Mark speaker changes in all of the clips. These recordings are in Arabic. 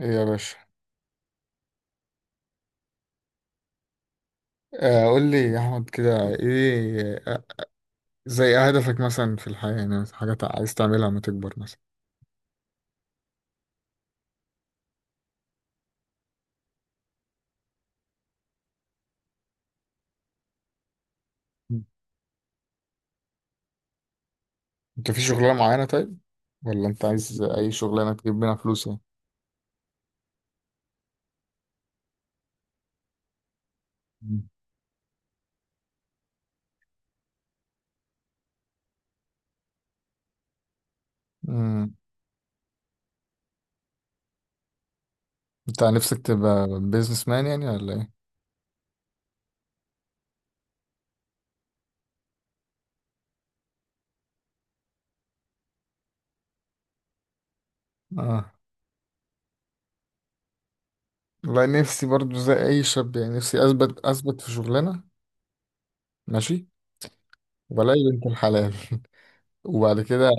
Speaker 1: ايه يا باشا. قول لي يا احمد كده ايه. زي هدفك مثلا في الحياة يعني حاجات عايز تعملها لما تكبر مثلا. مم. انت في شغلانة معينة؟ طيب ولا انت عايز اي شغلانة تجيب منها فلوس يعني؟ مم. امم انت نفسك تبقى بيزنس مان يعني ولا ايه؟ اه. والله نفسي برضو زي اي شاب يعني نفسي اثبت في شغلانة. ماشي. وبلاقي بنت الحلال وبعد كده.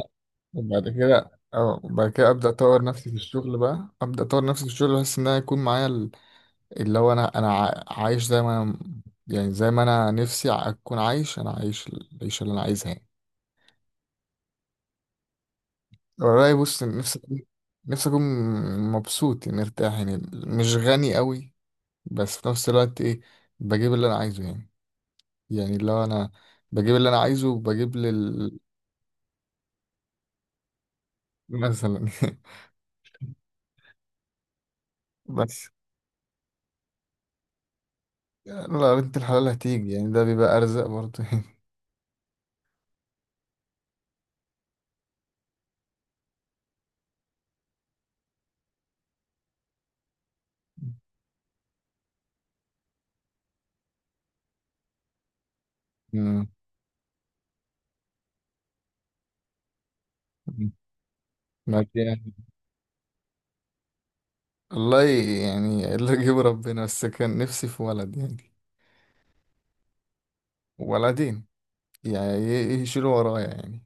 Speaker 1: وبعد كده ابدا اطور نفسي في الشغل بقى، ابدا اطور نفسي في الشغل بحيث ان انا يكون معايا اللي هو عايش زي ما انا. يعني زي ما انا نفسي اكون عايش، انا عايش العيشه اللي انا عايزها يعني. والله بص نفسي اكون مبسوط يعني، مرتاح يعني، مش غني قوي بس في نفس الوقت ايه، بجيب اللي انا عايزه يعني. يعني لو انا بجيب اللي انا عايزه وبجيب لل مثلا بس. يعني لو بنت الحلال هتيجي يعني ده بيبقى ارزق برضه يعني. مم. ماديا. والله يعني اللي يجيب ربنا، بس كان نفسي في ولد يعني، ولدين يعني يشيلوا ورايا يعني.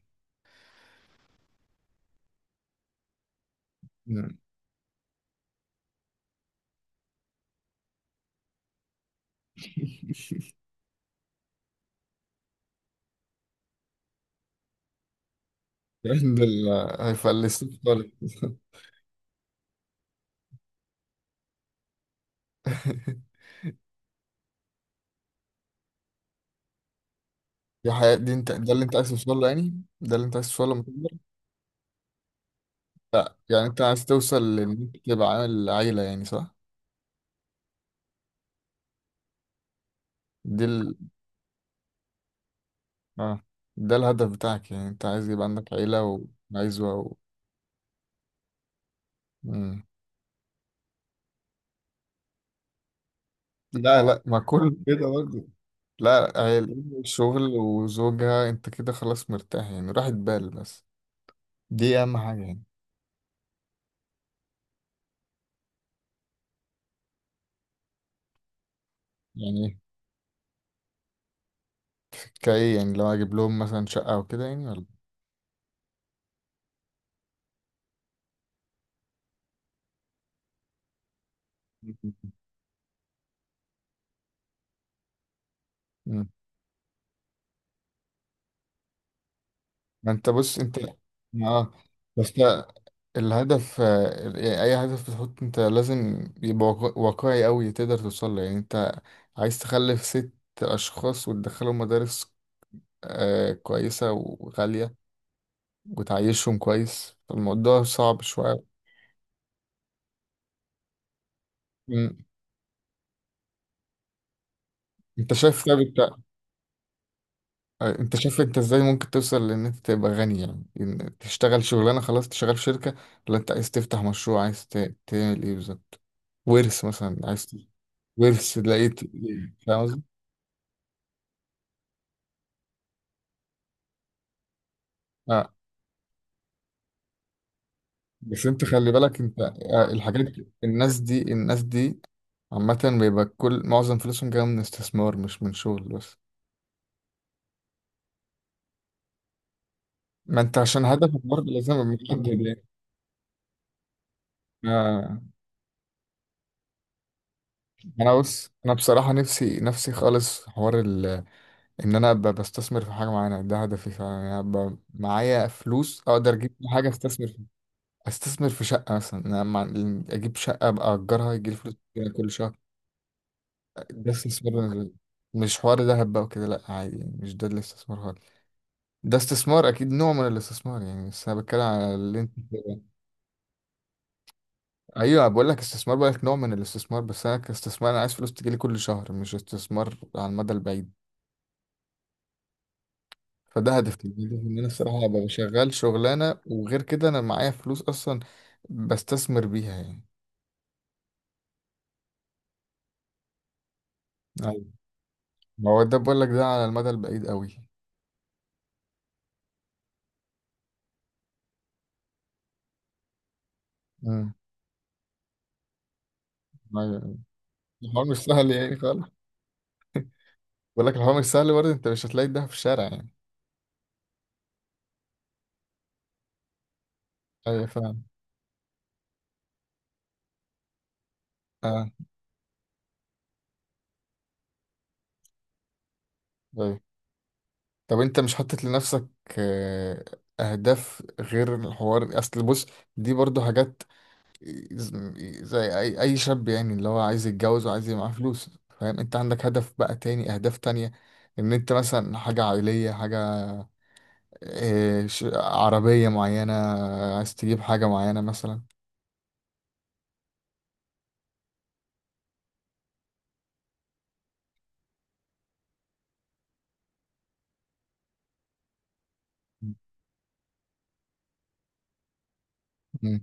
Speaker 1: مم. الكلام ده اللي هيفلسوك خالص. دي حياة، دي انت ده اللي انت عايز توصل له يعني، ده اللي انت عايز توصل له لما تكبر. لا يعني انت عايز توصل لان انت تبقى عامل عيلة يعني، صح؟ دي ال... اه، ده الهدف بتاعك يعني، انت عايز يبقى عندك عيلة وعزوة مم. لا لا، ما كله كده برضه. لا شغل وزوجها انت كده خلاص، مرتاح يعني راحة بال بس. دي اهم حاجة يعني. يعني كايه، يعني لو اجيب لهم مثلا شقه او كده يعني ولا؟ مم. ما انت بص انت. اه، بس ده الهدف. يعني اي هدف بتحط انت لازم يبقى واقعي قوي تقدر توصل له يعني. انت عايز تخلف ست اشخاص وتدخلهم مدارس كويسه وغاليه وتعيشهم كويس، فالموضوع صعب شويه. مم. انت شايف؟ طيب انت شايف انت ازاي ممكن توصل لان انت تبقى غني يعني؟ إن تشتغل شغلانه خلاص تشتغل في شركه، ولا انت عايز تفتح مشروع، عايز تعمل ايه بالظبط؟ ورث مثلا، عايز ورث لقيت إيه؟ فاهم قصدي. اه، بس انت خلي بالك انت، الناس دي عامه بيبقى كل معظم فلوسهم جايه من استثمار مش من شغل بس. ما انت عشان هدفك برضه لازم يبقى محدد يعني. آه. انا بص، انا بصراحه نفسي نفسي خالص في حوار ان انا ابقى بستثمر في حاجه معينه. ده هدفي فعلا يعني، ابقى معايا فلوس اقدر اجيب بيها حاجه استثمر فيها. استثمر في شقه مثلا. اجيب شقه ابقى اجرها يجي لي فلوس كده كل شهر. ده استثمار بالنسبة لي. مش حوار دهب بقى وكده، لا عادي يعني، مش ده الاستثمار خالص. ده استثمار اكيد، نوع من الاستثمار يعني، بس انا بتكلم على اللي انت. ايوه، بقول لك استثمار، بقول لك نوع من الاستثمار، بس انا كاستثمار انا عايز فلوس تجي لي كل شهر، مش استثمار على المدى البعيد. فده هدفي، ان انا الصراحه ابقى شغال شغلانه، وغير كده انا معايا فلوس اصلا بستثمر بيها يعني. ايوه. ما هو ده بقول لك، ده على المدى البعيد قوي. امم. أيوة. الحوار مش سهل يعني خالص. بقول لك الحوار مش سهل، برضه انت مش هتلاقي ده في الشارع يعني. ايوه فاهم. اه. ايوه. طب انت مش حاطط لنفسك آه، اهداف غير الحوار؟ اصل بص، دي برضه حاجات زي اي شاب يعني، اللي هو عايز يتجوز وعايز يبقى معاه فلوس، فاهم. انت عندك هدف بقى تاني، اهداف تانية، ان انت مثلا حاجة عائلية، حاجة، إيه، عربية معينة عايز تجيب حاجة معينة مثلا؟ مم.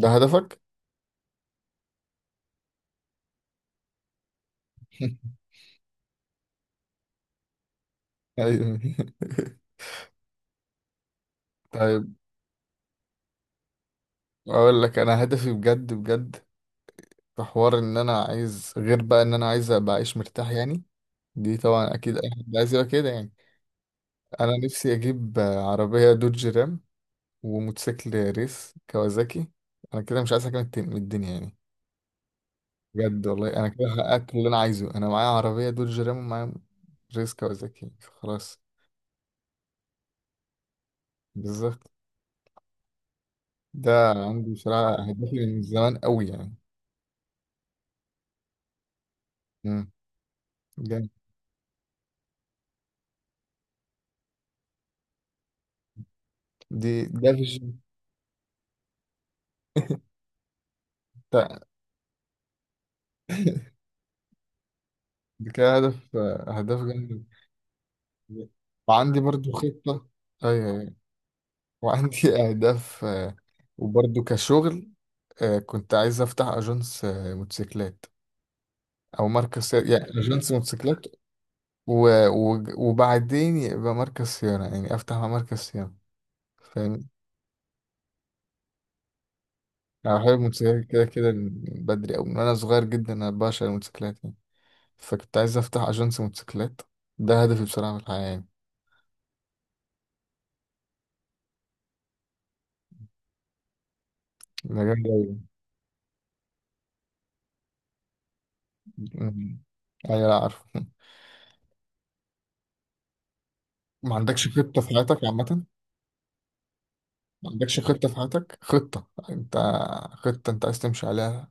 Speaker 1: ده هدفك؟ أيوة. طيب. اقول لك انا هدفي بجد بجد، في حوار ان انا عايز غير بقى، ان انا عايز ابقى عايش مرتاح يعني. دي طبعا اكيد اي حد عايز يبقى كده يعني. انا نفسي اجيب عربية دوج رام، وموتوسيكل ريس كوازاكي. انا كده مش عايز حاجه من من الدنيا يعني. بجد والله، انا كده حققت اللي انا عايزه. انا معايا عربيه دول جيرام، ومعايا ريس كوازاكي، خلاص. بالظبط. ده عندي بصراحه هدفي من زمان قوي يعني. امم. جامد. دي ده فيجن بتاع دي كده هدف، اهداف جامد. وعندي برضو خطه. ايوه. أيوة. وعندي اهداف، وبرضو كشغل، كنت عايز افتح اجنس موتوسيكلات، او مركز صيانة يعني اجنس موتوسيكلات وبعدين يبقى مركز صيانة يعني افتح مع مركز صيانة، فاهم. انا بحب الموتوسيكلات كده كده من بدري، او من وانا صغير جدا، انا بعشق الموتوسيكلات يعني. فكنت عايز افتح اجنس موتوسيكلات. ده هدفي بصراحة في الحياة يعني. ده جامد أوي. أمم. ايوه. لا عارف. ما عندكش خطة في حياتك عامة؟ ما عندكش خطة في حياتك، خطة انت، خطة انت عايز تمشي عليها،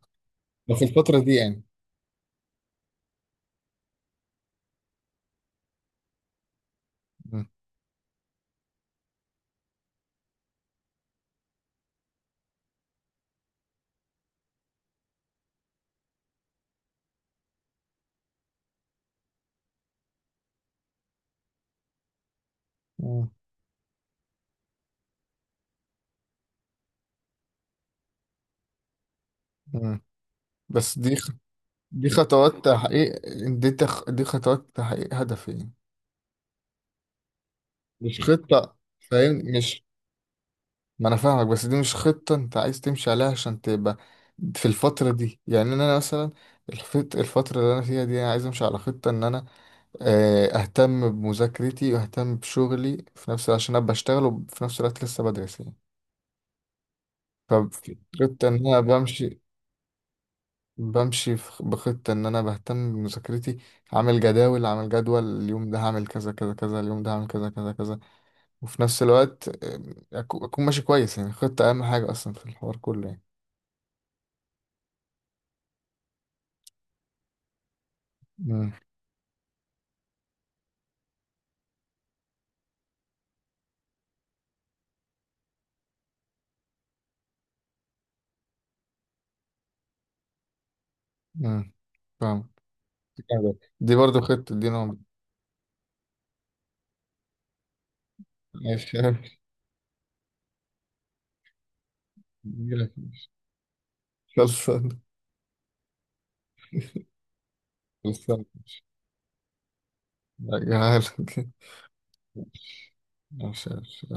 Speaker 1: ده في الفترة دي يعني؟ أمم. أمم. أمم. بس دي خطوات تحقيق، دي خطوات تحقيق هدفين، مش خطة، فاهم؟ مش. ما انا فاهمك، بس دي مش خطة انت عايز تمشي عليها عشان تبقى في الفترة دي يعني، إن انا مثلا الفترة اللي انا فيها دي انا عايز امشي على خطة ان انا، اهتم بمذاكرتي واهتم بشغلي في نفس، عشان ابقى اشتغل وفي نفس الوقت لسه بدرس يعني. فخطة ان انا بخطة، إن أنا بهتم بمذاكرتي، عامل جداول، عامل جدول، اليوم ده هعمل كذا كذا كذا، اليوم ده هعمل كذا كذا كذا، وفي نفس الوقت أكون ماشي كويس يعني. خطة أهم حاجة أصلا في الحوار كله يعني. مم. مم. فاهم. دي برضو خطة، دي نوع. ماشي. خلصان. خلصان. هجيلك. ماشي ماشي.